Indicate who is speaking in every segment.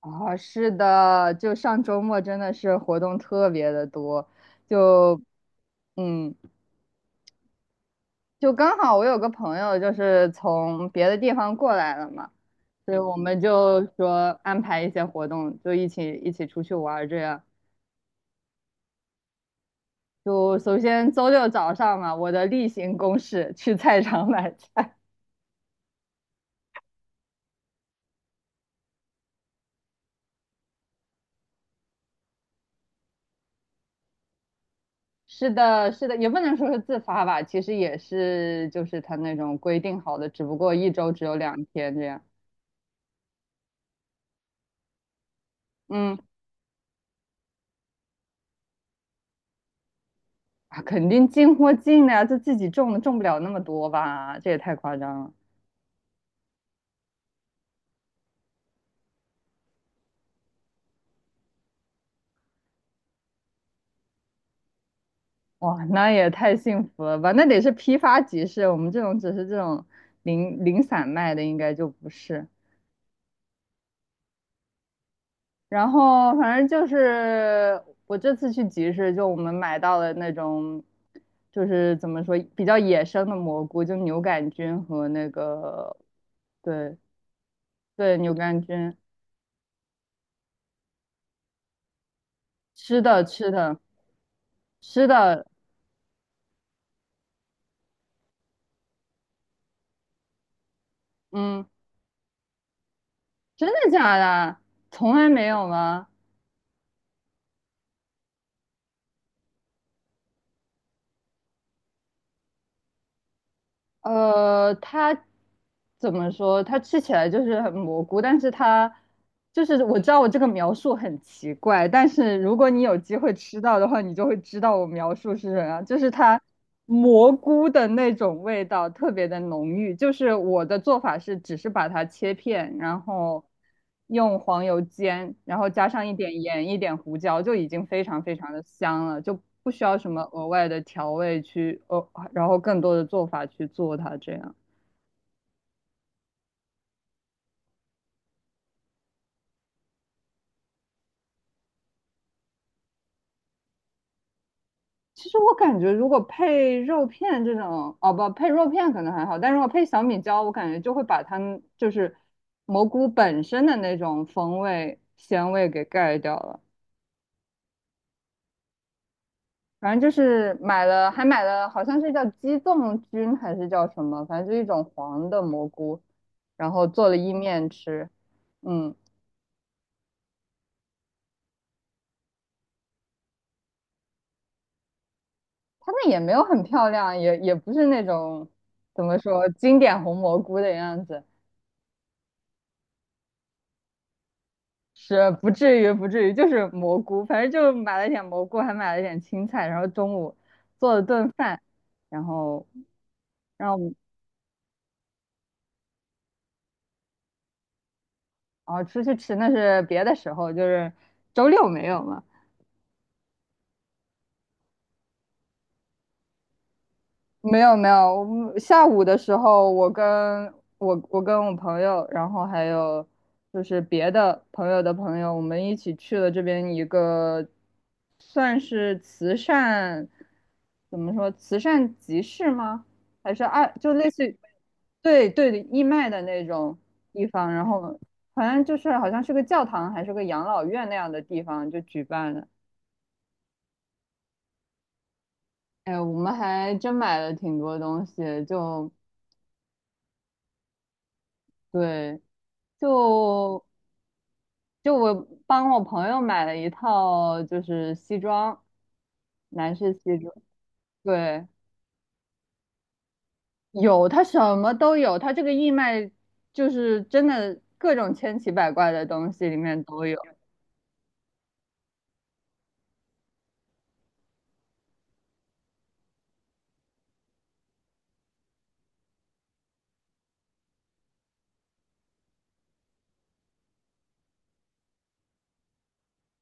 Speaker 1: 啊，是的，就上周末真的是活动特别的多，就，嗯，就刚好我有个朋友就是从别的地方过来了嘛，所以我们就说安排一些活动，就一起出去玩儿这样。就首先周六早上嘛，我的例行公事去菜场买菜。是的，是的，也不能说是自发吧，其实也是就是他那种规定好的，只不过一周只有2天这样。嗯，啊，肯定进货进的呀，就自己种的，种不了那么多吧？这也太夸张了。哇，那也太幸福了吧？那得是批发集市，我们这种只是这种零零散卖的，应该就不是。然后反正就是我这次去集市，就我们买到了那种，就是怎么说比较野生的蘑菇，就牛肝菌和那个。对对，牛肝菌，吃的吃的吃的。嗯，真的假的？从来没有吗？它怎么说？它吃起来就是很蘑菇，但是它就是我知道我这个描述很奇怪，但是如果你有机会吃到的话，你就会知道我描述是什么样，就是它蘑菇的那种味道特别的浓郁。就是我的做法是，只是把它切片，然后用黄油煎，然后加上一点盐、一点胡椒，就已经非常非常的香了，就不需要什么额外的调味去，哦，然后更多的做法去做它这样。其实我感觉，如果配肉片这种，哦不，配肉片可能还好，但如果配小米椒，我感觉就会把它们就是蘑菇本身的那种风味、鲜味给盖掉了。反正就是买了，还买了，好像是叫鸡枞菌还是叫什么，反正就一种黄的蘑菇，然后做了意面吃。嗯，它那也没有很漂亮，也不是那种怎么说经典红蘑菇的样子，是不至于不至于，就是蘑菇。反正就买了点蘑菇，还买了点青菜，然后中午做了顿饭，然后让我们然后出去吃，那是别的时候，就是周六没有嘛。没有没有，我们下午的时候，我跟我朋友，然后还有就是别的朋友的朋友，我们一起去了这边一个算是慈善，怎么说慈善集市吗？还是就类似于对对的义卖的那种地方，然后反正就是好像是个教堂还是个养老院那样的地方就举办了。哎，我们还真买了挺多东西。就对，就就我帮我朋友买了一套，就是西装，男士西装。对，有，它什么都有，它这个义卖就是真的各种千奇百怪的东西里面都有。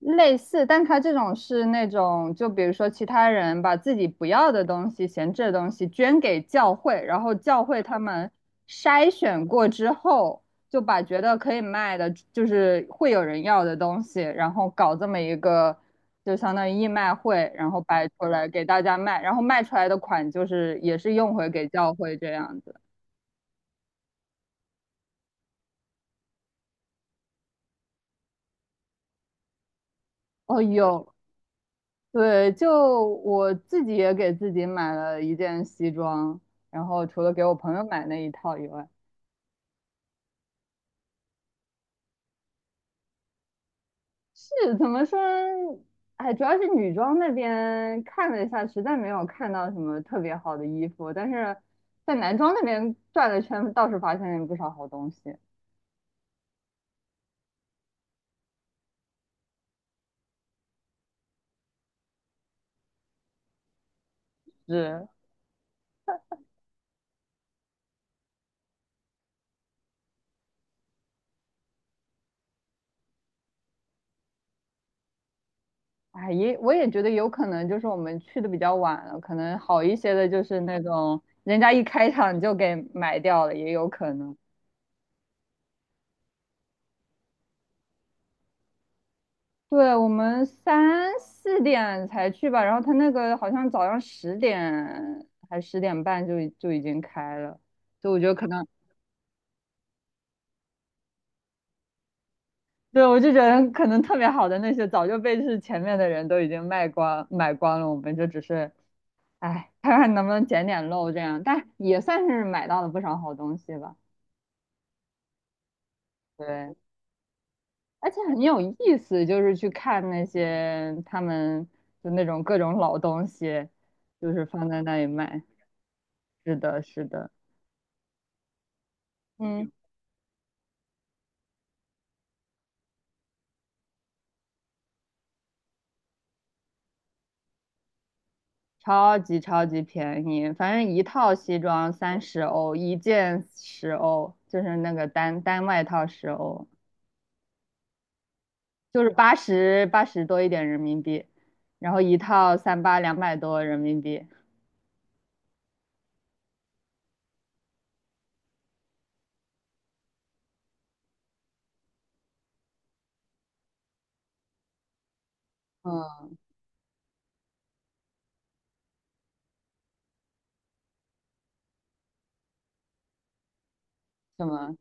Speaker 1: 类似，但它这种是那种，就比如说其他人把自己不要的东西、闲置的东西捐给教会，然后教会他们筛选过之后，就把觉得可以卖的，就是会有人要的东西，然后搞这么一个，就相当于义卖会，然后摆出来给大家卖，然后卖出来的款就是也是用回给教会这样子。哦，有。对，就我自己也给自己买了一件西装，然后除了给我朋友买那一套以外，是怎么说呢？哎，主要是女装那边看了一下，实在没有看到什么特别好的衣服，但是在男装那边转了圈，倒是发现了不少好东西。是，哎，我也觉得有可能就是我们去的比较晚了，可能好一些的就是那种人家一开场就给买掉了，也有可能。对，我们3、4点才去吧，然后他那个好像早上十点还10点半就已经开了，所以我觉得可能，对，我就觉得可能特别好的那些早就被是前面的人都已经卖光买光了，我们就只是，哎，看看能不能捡点漏这样，但也算是买到了不少好东西吧。对，而且很有意思，就是去看那些他们就那种各种老东西，就是放在那里卖。是的，是的。嗯。超级超级便宜，反正一套西装30欧，一件十欧，就是那个单单外套十欧，就是八十多一点人民币，然后一套三八200多人民币。嗯，什么？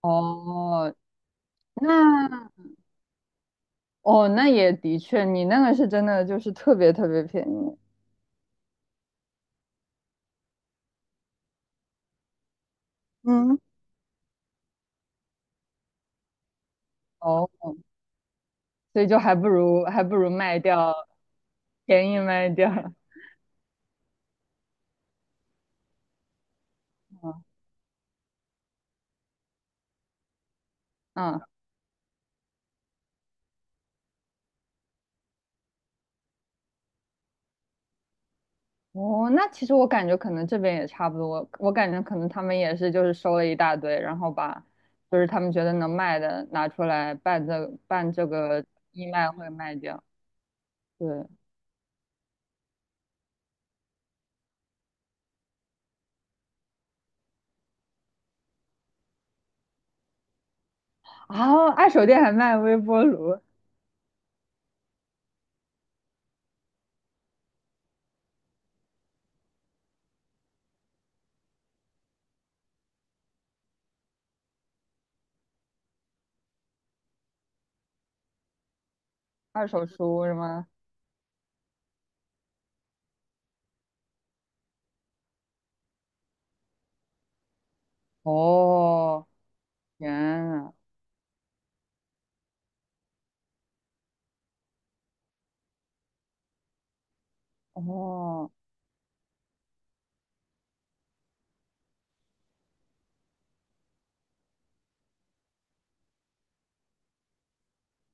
Speaker 1: 哦，那哦那也的确，你那个是真的就是特别特别便宜。嗯，哦，所以就还不如卖掉，便宜卖掉。嗯嗯。哦，那其实我感觉可能这边也差不多，我感觉可能他们也是就是收了一大堆，然后把就是他们觉得能卖的拿出来办这个义卖会卖掉。对。啊，二手店还卖微波炉、二手书是吗？哦，天呐。哦，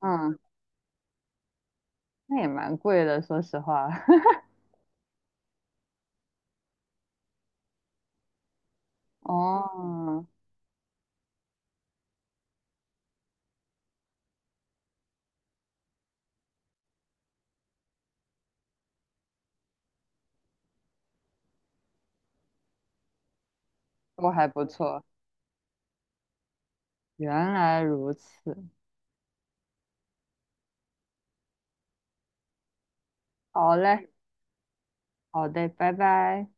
Speaker 1: 嗯，那也蛮贵的，说实话。哦，都还不错，原来如此。好嘞，好的，拜拜。